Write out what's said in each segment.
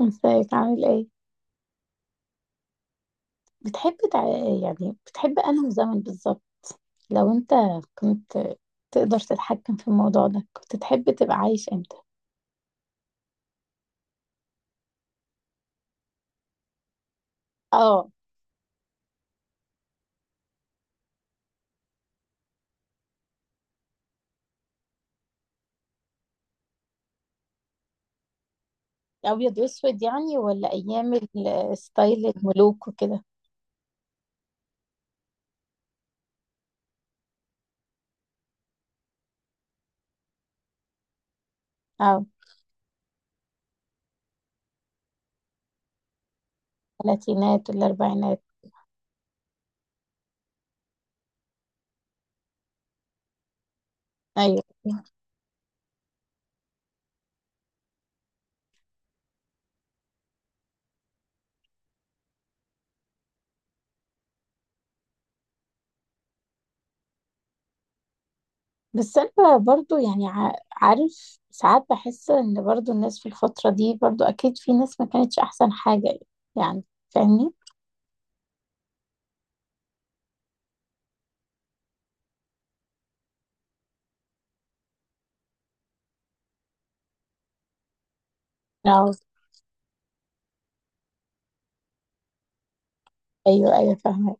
ازيك عامل ايه؟ بتحب تع... يعني بتحب انهي زمن بالظبط؟ لو انت كنت تقدر تتحكم في الموضوع ده كنت تحب تبقى عايش امتى؟ اه، ابيض واسود يعني ولا ايام ستايل الملوك وكده؟ اه، الثلاثينات والاربعينات. ايوه، بس انا برضو يعني عارف ساعات بحس ان برضو الناس في الفترة دي برضو اكيد في ناس ما كانتش احسن حاجة، يعني فاهمني؟ اه، ايوه ايوه، فاهمة.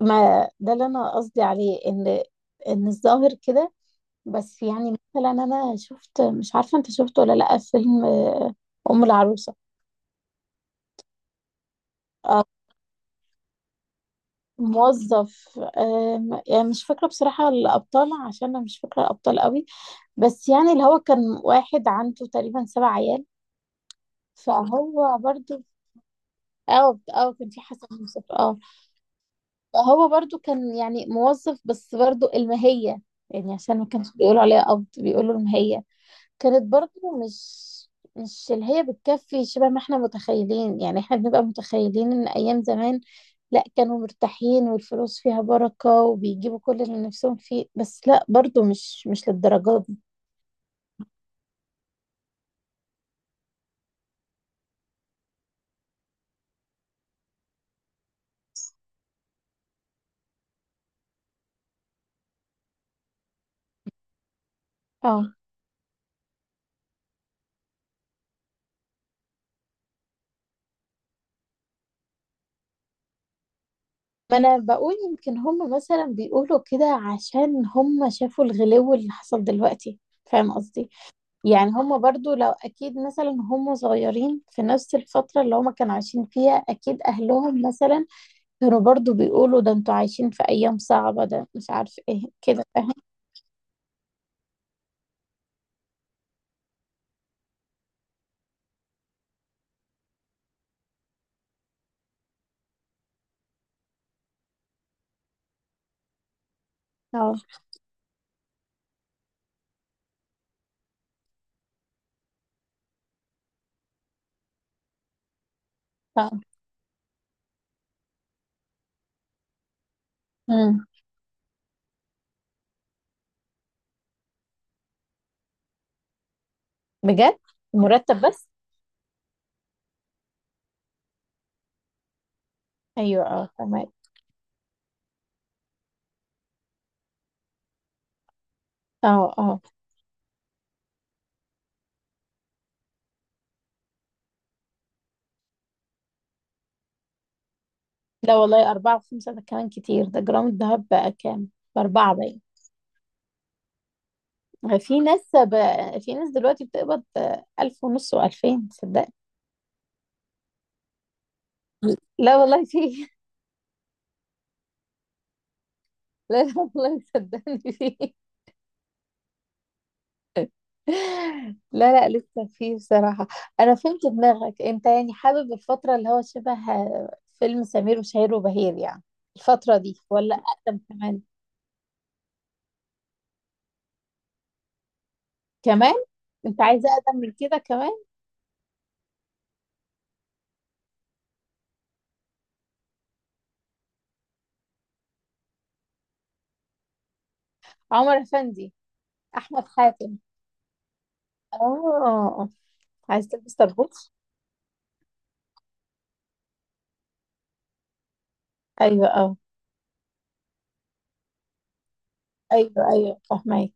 ما ده اللي انا قصدي عليه، ان الظاهر كده. بس يعني مثلا انا شفت، مش عارفه انت شفته ولا لا، فيلم ام العروسه. آه، موظف، يعني مش فاكره بصراحه الابطال، عشان انا مش فاكره الابطال قوي. بس يعني اللي هو كان واحد عنده تقريبا سبع عيال، فهو برضو. اه اه، كان في حسن يوسف، اه. فهو برضو كان يعني موظف، بس برضو المهيه، يعني عشان ما كانش بيقولوا عليها قبض بيقولوا المهيه، كانت برضه مش اللي هي بتكفي شبه ما احنا متخيلين. يعني احنا بنبقى متخيلين ان ايام زمان لا، كانوا مرتاحين والفلوس فيها بركة وبيجيبوا كل اللي نفسهم فيه، بس لا برضه مش للدرجة دي. اه. ما انا بقول يمكن هم مثلا بيقولوا كده عشان هم شافوا الغلو اللي حصل دلوقتي، فاهم قصدي؟ يعني هم برضو لو اكيد مثلا هم صغيرين في نفس الفترة اللي هم كانوا عايشين فيها، اكيد اهلهم مثلا كانوا برضو بيقولوا ده انتوا عايشين في ايام صعبة، ده مش عارف ايه كده، فاهم؟ اه اه. امم. بجد. مرتب بس. ايوه اه، تمام. اه اه، لا والله، 4 و5 ده كمان كتير، ده جرام الذهب بقى كام؟ بأربعة باين. في ناس بقى، في ناس دلوقتي بتقبض 1500 و2000، صدقني. لا والله، في لا لا والله، صدقني في. لا لا، لسه فيه بصراحة. أنا فهمت دماغك أنت، يعني حابب الفترة اللي هو شبه فيلم سمير وشهير وبهير يعني؟ الفترة دي ولا أقدم كمان؟ كمان. أنت عايز أقدم من كده كمان؟ عمر أفندي. أحمد حاتم. آه. عايز تلبس طربوش؟ أيوه أه. أيوه أيوه، فاهمك.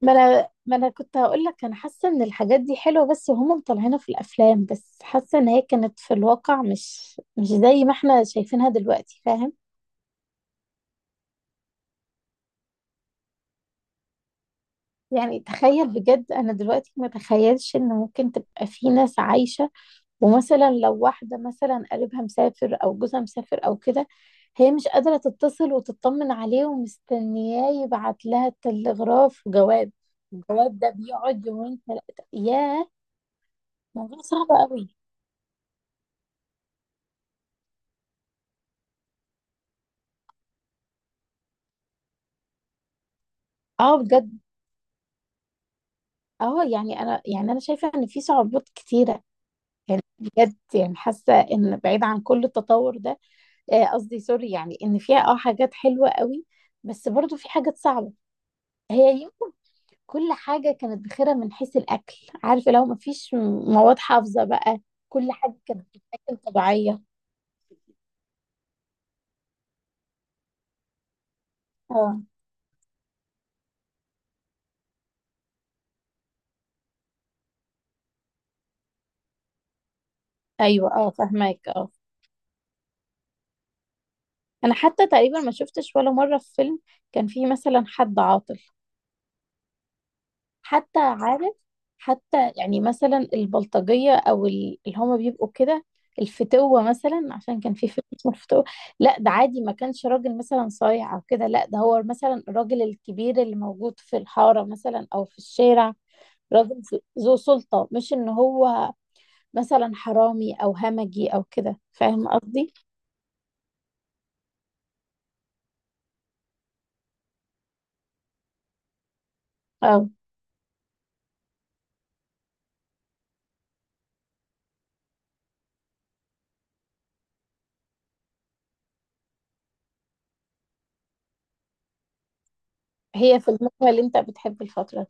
ما أنا كنت هقول لك، أنا حاسة إن الحاجات دي حلوة بس هما مطلعينها في الأفلام بس، حاسة إن هي كانت في الواقع مش زي ما إحنا شايفينها دلوقتي، فاهم؟ يعني تخيل بجد، انا دلوقتي ما تخيلش ان ممكن تبقى في ناس عايشة، ومثلا لو واحدة مثلا قريبها مسافر او جوزها مسافر او كده، هي مش قادرة تتصل وتطمن عليه، ومستنياه يبعت لها تلغراف وجواب، الجواب ده بيقعد يومين ثلاثة، ياه. موضوع صعب قوي. اه بجد. اه، يعني انا شايفة ان في صعوبات كتيرة، يعني بجد، يعني حاسة ان بعيد عن كل التطور ده. قصدي سوري، يعني ان فيها حاجات حلوه قوي، بس برضو في حاجات صعبه. هي يمكن كل حاجه كانت بخيرة من حيث الاكل، عارفه، لو ما فيش مواد حافظه بقى، كل حاجه كانت بتتاكل طبيعيه. اه، ايوه اه، فهماك، اه. انا حتى تقريبا ما شفتش ولا مره في فيلم كان فيه مثلا حد عاطل، حتى عارف، حتى يعني مثلا البلطجية أو اللي هما بيبقوا كده، الفتوة مثلا، عشان كان في فيلم اسمه الفتوة، لا ده عادي، ما كانش راجل مثلا صايع أو كده، لا ده هو مثلا الراجل الكبير اللي موجود في الحارة مثلا أو في الشارع، راجل ذو سلطة، مش إن هو مثلا حرامي أو همجي أو كده، فاهم قصدي؟ أو هي في المجمل اللي أنت بتحب الفترة؟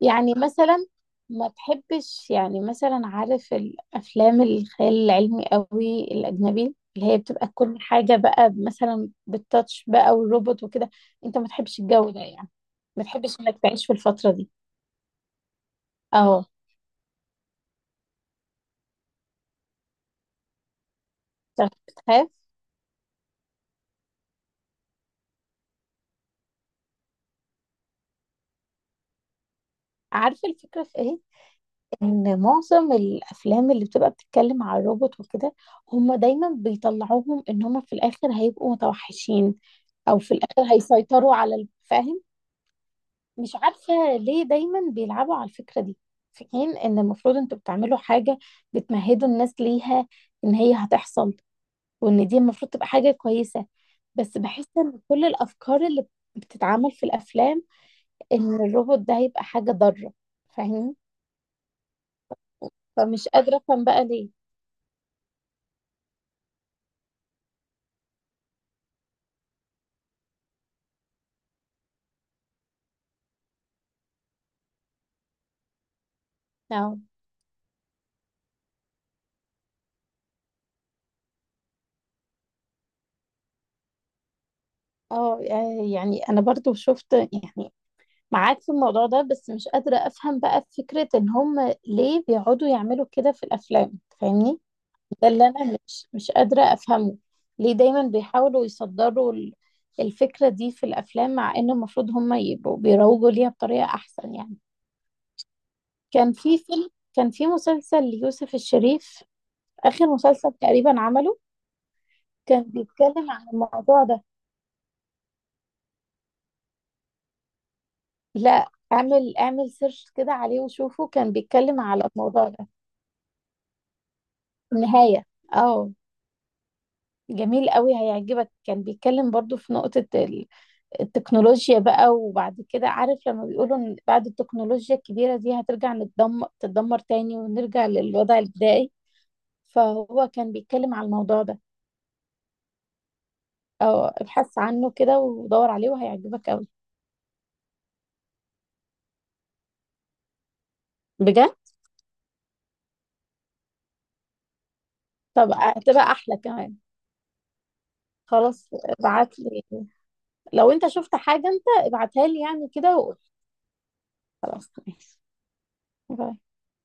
يعني مثلا ما بحبش يعني، مثلا، عارف الافلام الخيال العلمي قوي الاجنبي، اللي هي بتبقى كل حاجه بقى مثلا بالتاتش بقى والروبوت وكده، انت ما تحبش الجو ده يعني؟ ما تحبش انك تعيش في الفتره دي؟ اه، بتخاف؟ عارفه الفكره في ايه؟ ان معظم الافلام اللي بتبقى بتتكلم على الروبوت وكده، هم دايما بيطلعوهم ان هم في الاخر هيبقوا متوحشين، او في الاخر هيسيطروا على الفاهم. مش عارفة ليه دايما بيلعبوا على الفكرة دي، في حين ان المفروض انتوا بتعملوا حاجة بتمهدوا الناس ليها ان هي هتحصل، وان دي المفروض تبقى حاجة كويسة، بس بحس ان كل الافكار اللي بتتعمل في الافلام ان الروبوت ده هيبقى حاجة ضارة، فاهمين؟ فمش قادرة افهم بقى ليه. اه اه، يعني انا برضو شفت يعني، معاك في الموضوع ده، بس مش قادرة افهم بقى فكرة ان هم ليه بيقعدوا يعملوا كده في الافلام، فاهمني؟ ده اللي انا، مش قادرة افهمه، ليه دايما بيحاولوا يصدروا الفكرة دي في الافلام، مع ان المفروض هم يبقوا بيروجوا ليها بطريقة احسن يعني. كان في مسلسل ليوسف الشريف، اخر مسلسل تقريبا عمله، كان بيتكلم عن الموضوع ده. لا، اعمل سيرش كده عليه وشوفه، كان بيتكلم على الموضوع ده. النهاية، اه، جميل قوي هيعجبك، كان بيتكلم برضو في نقطة التكنولوجيا بقى، وبعد كده عارف لما بيقولوا ان بعد التكنولوجيا الكبيرة دي هترجع، تتدمر تاني ونرجع للوضع البدائي، فهو كان بيتكلم على الموضوع ده، او ابحث عنه كده ودور عليه، وهيعجبك قوي، بجد. طب هتبقى احلى كمان. خلاص، ابعت لي، لو انت شفت حاجة انت ابعتها لي يعني كده، وقول.